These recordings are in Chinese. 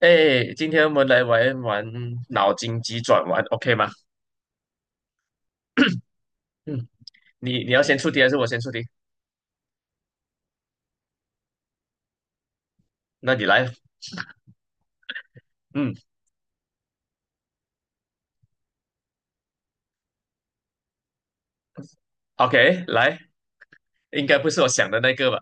哎，今天我们来玩玩脑筋急转弯，OK 吗？嗯，你要先出题还是我先出题？那你来，嗯，OK，来，应该不是我想的那个吧？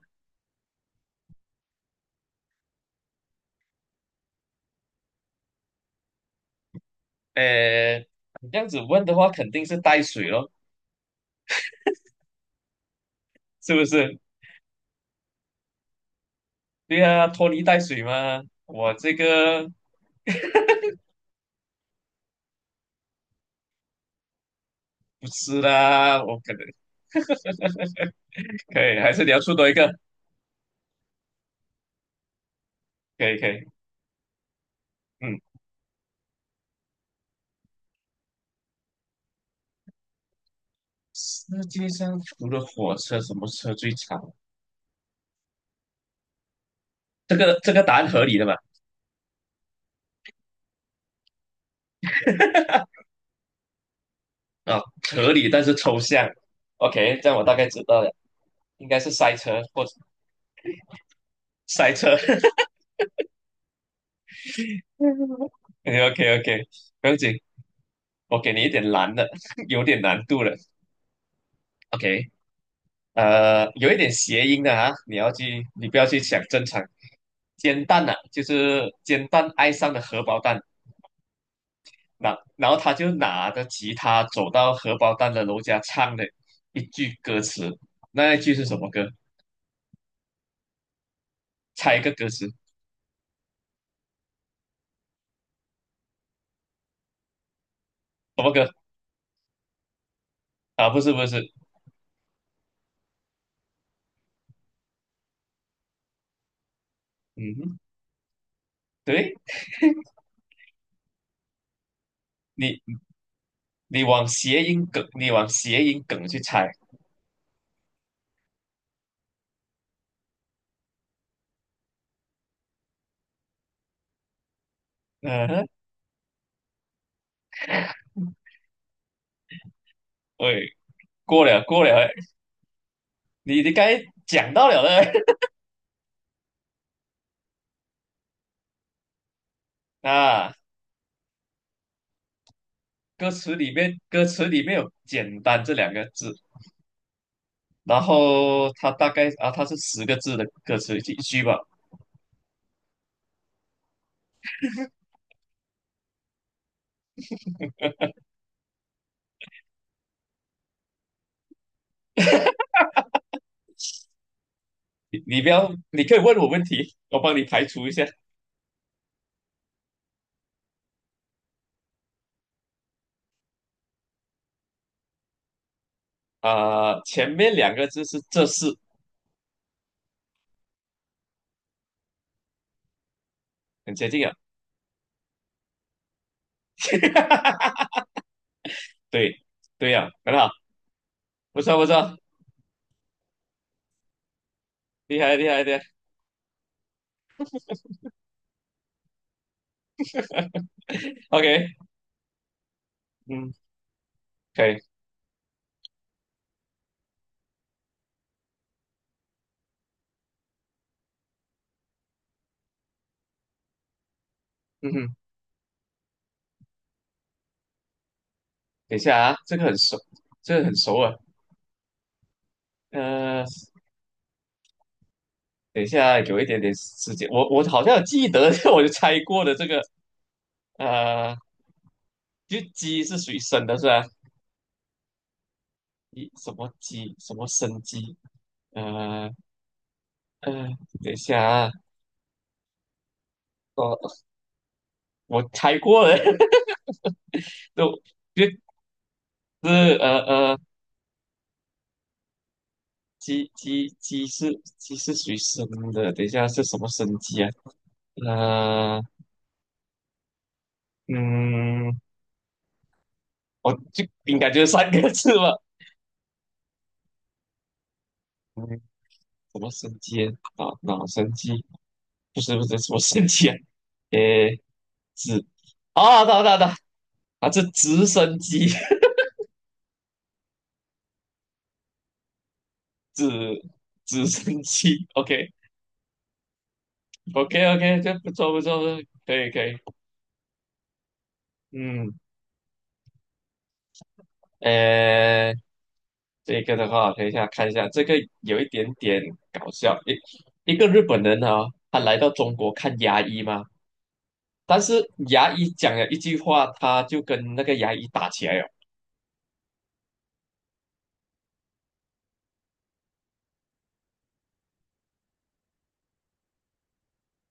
哎，你这样子问的话，肯定是带水咯，是不是？对啊，拖泥带水嘛。我这个不是啦，我可能可以，还是你要出多一个？可以可以，嗯，世界上除了火车，什么车最长？这个答案合理的嘛？啊，合理但是抽象。OK，这样我大概知道了，应该是塞车或者塞车。OK OK，不用紧，我给你一点难的，有点难度的。OK，有一点谐音的啊，你要去，你不要去想正常。煎蛋呐、啊，就是煎蛋爱上了荷包蛋，那然后他就拿着吉他走到荷包蛋的楼下唱了一句歌词，那一句是什么歌？猜一个歌词，什么歌？啊，不是不是，嗯，对你你往谐音梗，你往谐音梗去猜。嗯哼，喂，过了过了，你该讲到了嘞 啊。歌词里面，歌词里面有“简单”这两个字，然后它大概啊，它是十个字的歌词一句吧。你不要，你可以问我问题，我帮你排除一下啊、前面两个字是“这是”，很接近啊。对对呀、很好，不错不错，厉害厉害厉害。OK，嗯，可以，嗯哼。等一下啊，这个很熟，这个很熟啊。呃，等一下有一点点时间，我好像有记得，我就猜过的这个，呃，就鸡是属于生的是吧？一什么鸡，什么生鸡？呃呃，等一下啊，呃，我猜过了，就就是，鸡是鸡是属于生的，等一下是什么生鸡啊？呃嗯，我就应该就是三个字吧。什么生机啊？脑神机不是不是什么生机啊？诶，子啊，到到到，啊，这直升机，直直升机，OK OK OK，这不错不错，可以可以，嗯，诶，这个的话，等一下看一下，这个有一点点搞笑，一个日本人啊，他来到中国看牙医嘛，但是牙医讲了一句话，他就跟那个牙医打起来了。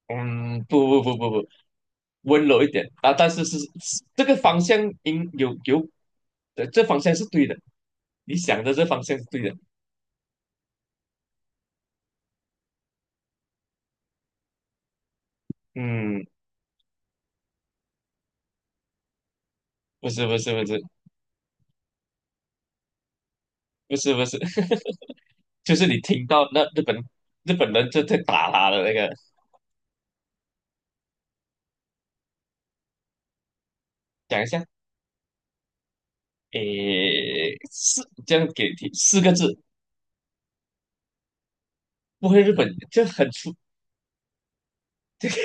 嗯，不不不不不，温柔一点啊，但是是是这个方向应有有，对，这方向是对的，你想的这方向是对的。嗯，不是不是不是不是不是，就是你听到那日本日本人就在打他的那个，讲一下，诶，四这样给提四个字，不会日本就很粗，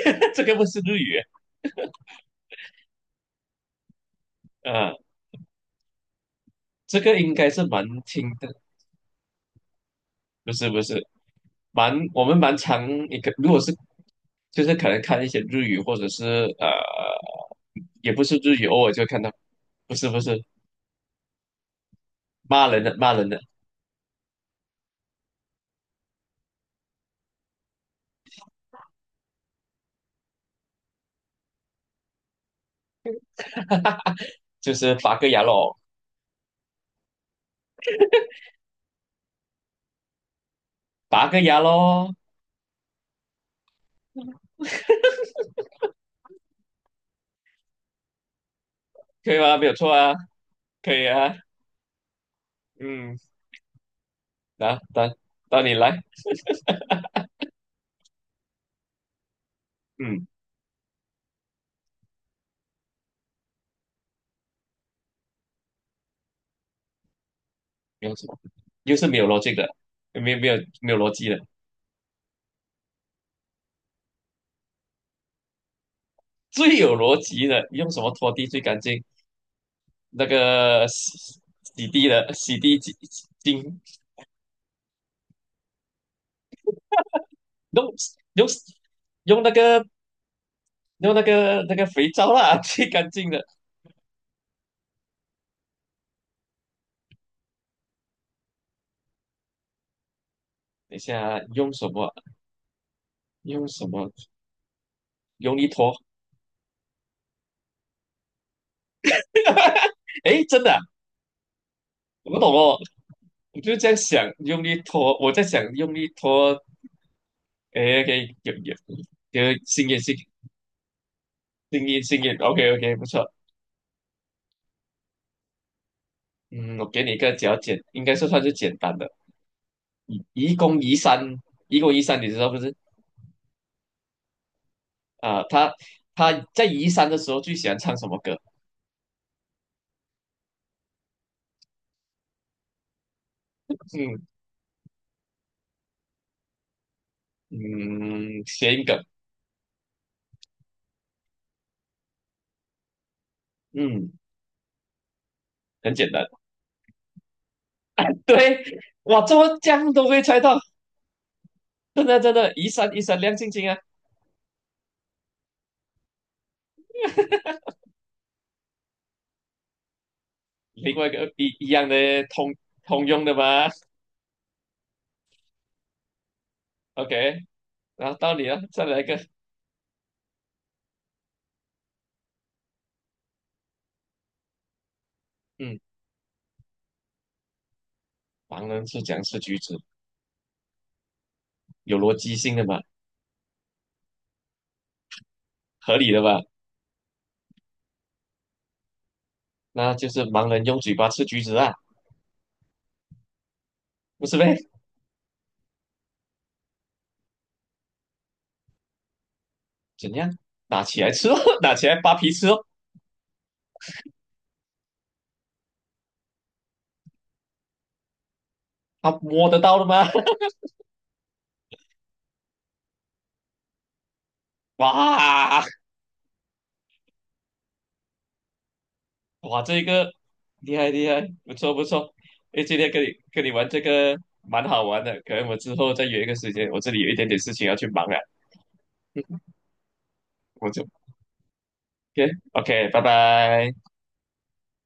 这个不是日语啊，这个应该是蛮轻的，不是不是。蛮我们蛮常一个，如果是就是可能看一些日语，或者是呃，也不是日语，偶尔就看到，不是不是骂人的，就是拔个牙咯，拔个牙咯，可以吗？没有错啊，可以啊，嗯，来，到到你来，嗯，没有什么，又是没有逻辑的，没有没有逻辑的，最有逻辑的，用什么拖地最干净？那个洗洗地的洗地精用用用那个用那个那个肥皂啦，最干净的。等一下用什么？用什么？用力拖。诶，真的啊、我不懂哦。我就这样想，用力拖。我在想用力拖。诶 o k 有有，经验经经验。OK OK，不错。嗯，我给你一个比较简，应该是算是简单的。移移宫移山，移宫移山，你知道不是？啊、他他在移山的时候最喜欢唱什么歌？嗯嗯，谐音梗。嗯，很简单。对，哇，这么这样都会猜到，真的真的，一闪一闪亮晶晶啊！另外一个一样的通通用的吧？OK，然后到你了，再来一个。嗯，盲人是讲吃橘子？有逻辑性的嘛，合理的吧？那就是盲人用嘴巴吃橘子啊，不是呗？怎样？拿起来吃哦，拿起来扒皮吃哦，他摸得到的吗？哇，哇，这个厉害厉害，不错不错。哎，今天跟你跟你玩这个蛮好玩的，可能我之后再约一个时间，我这里有一点点事情要去忙了，我就 OK OK，拜拜。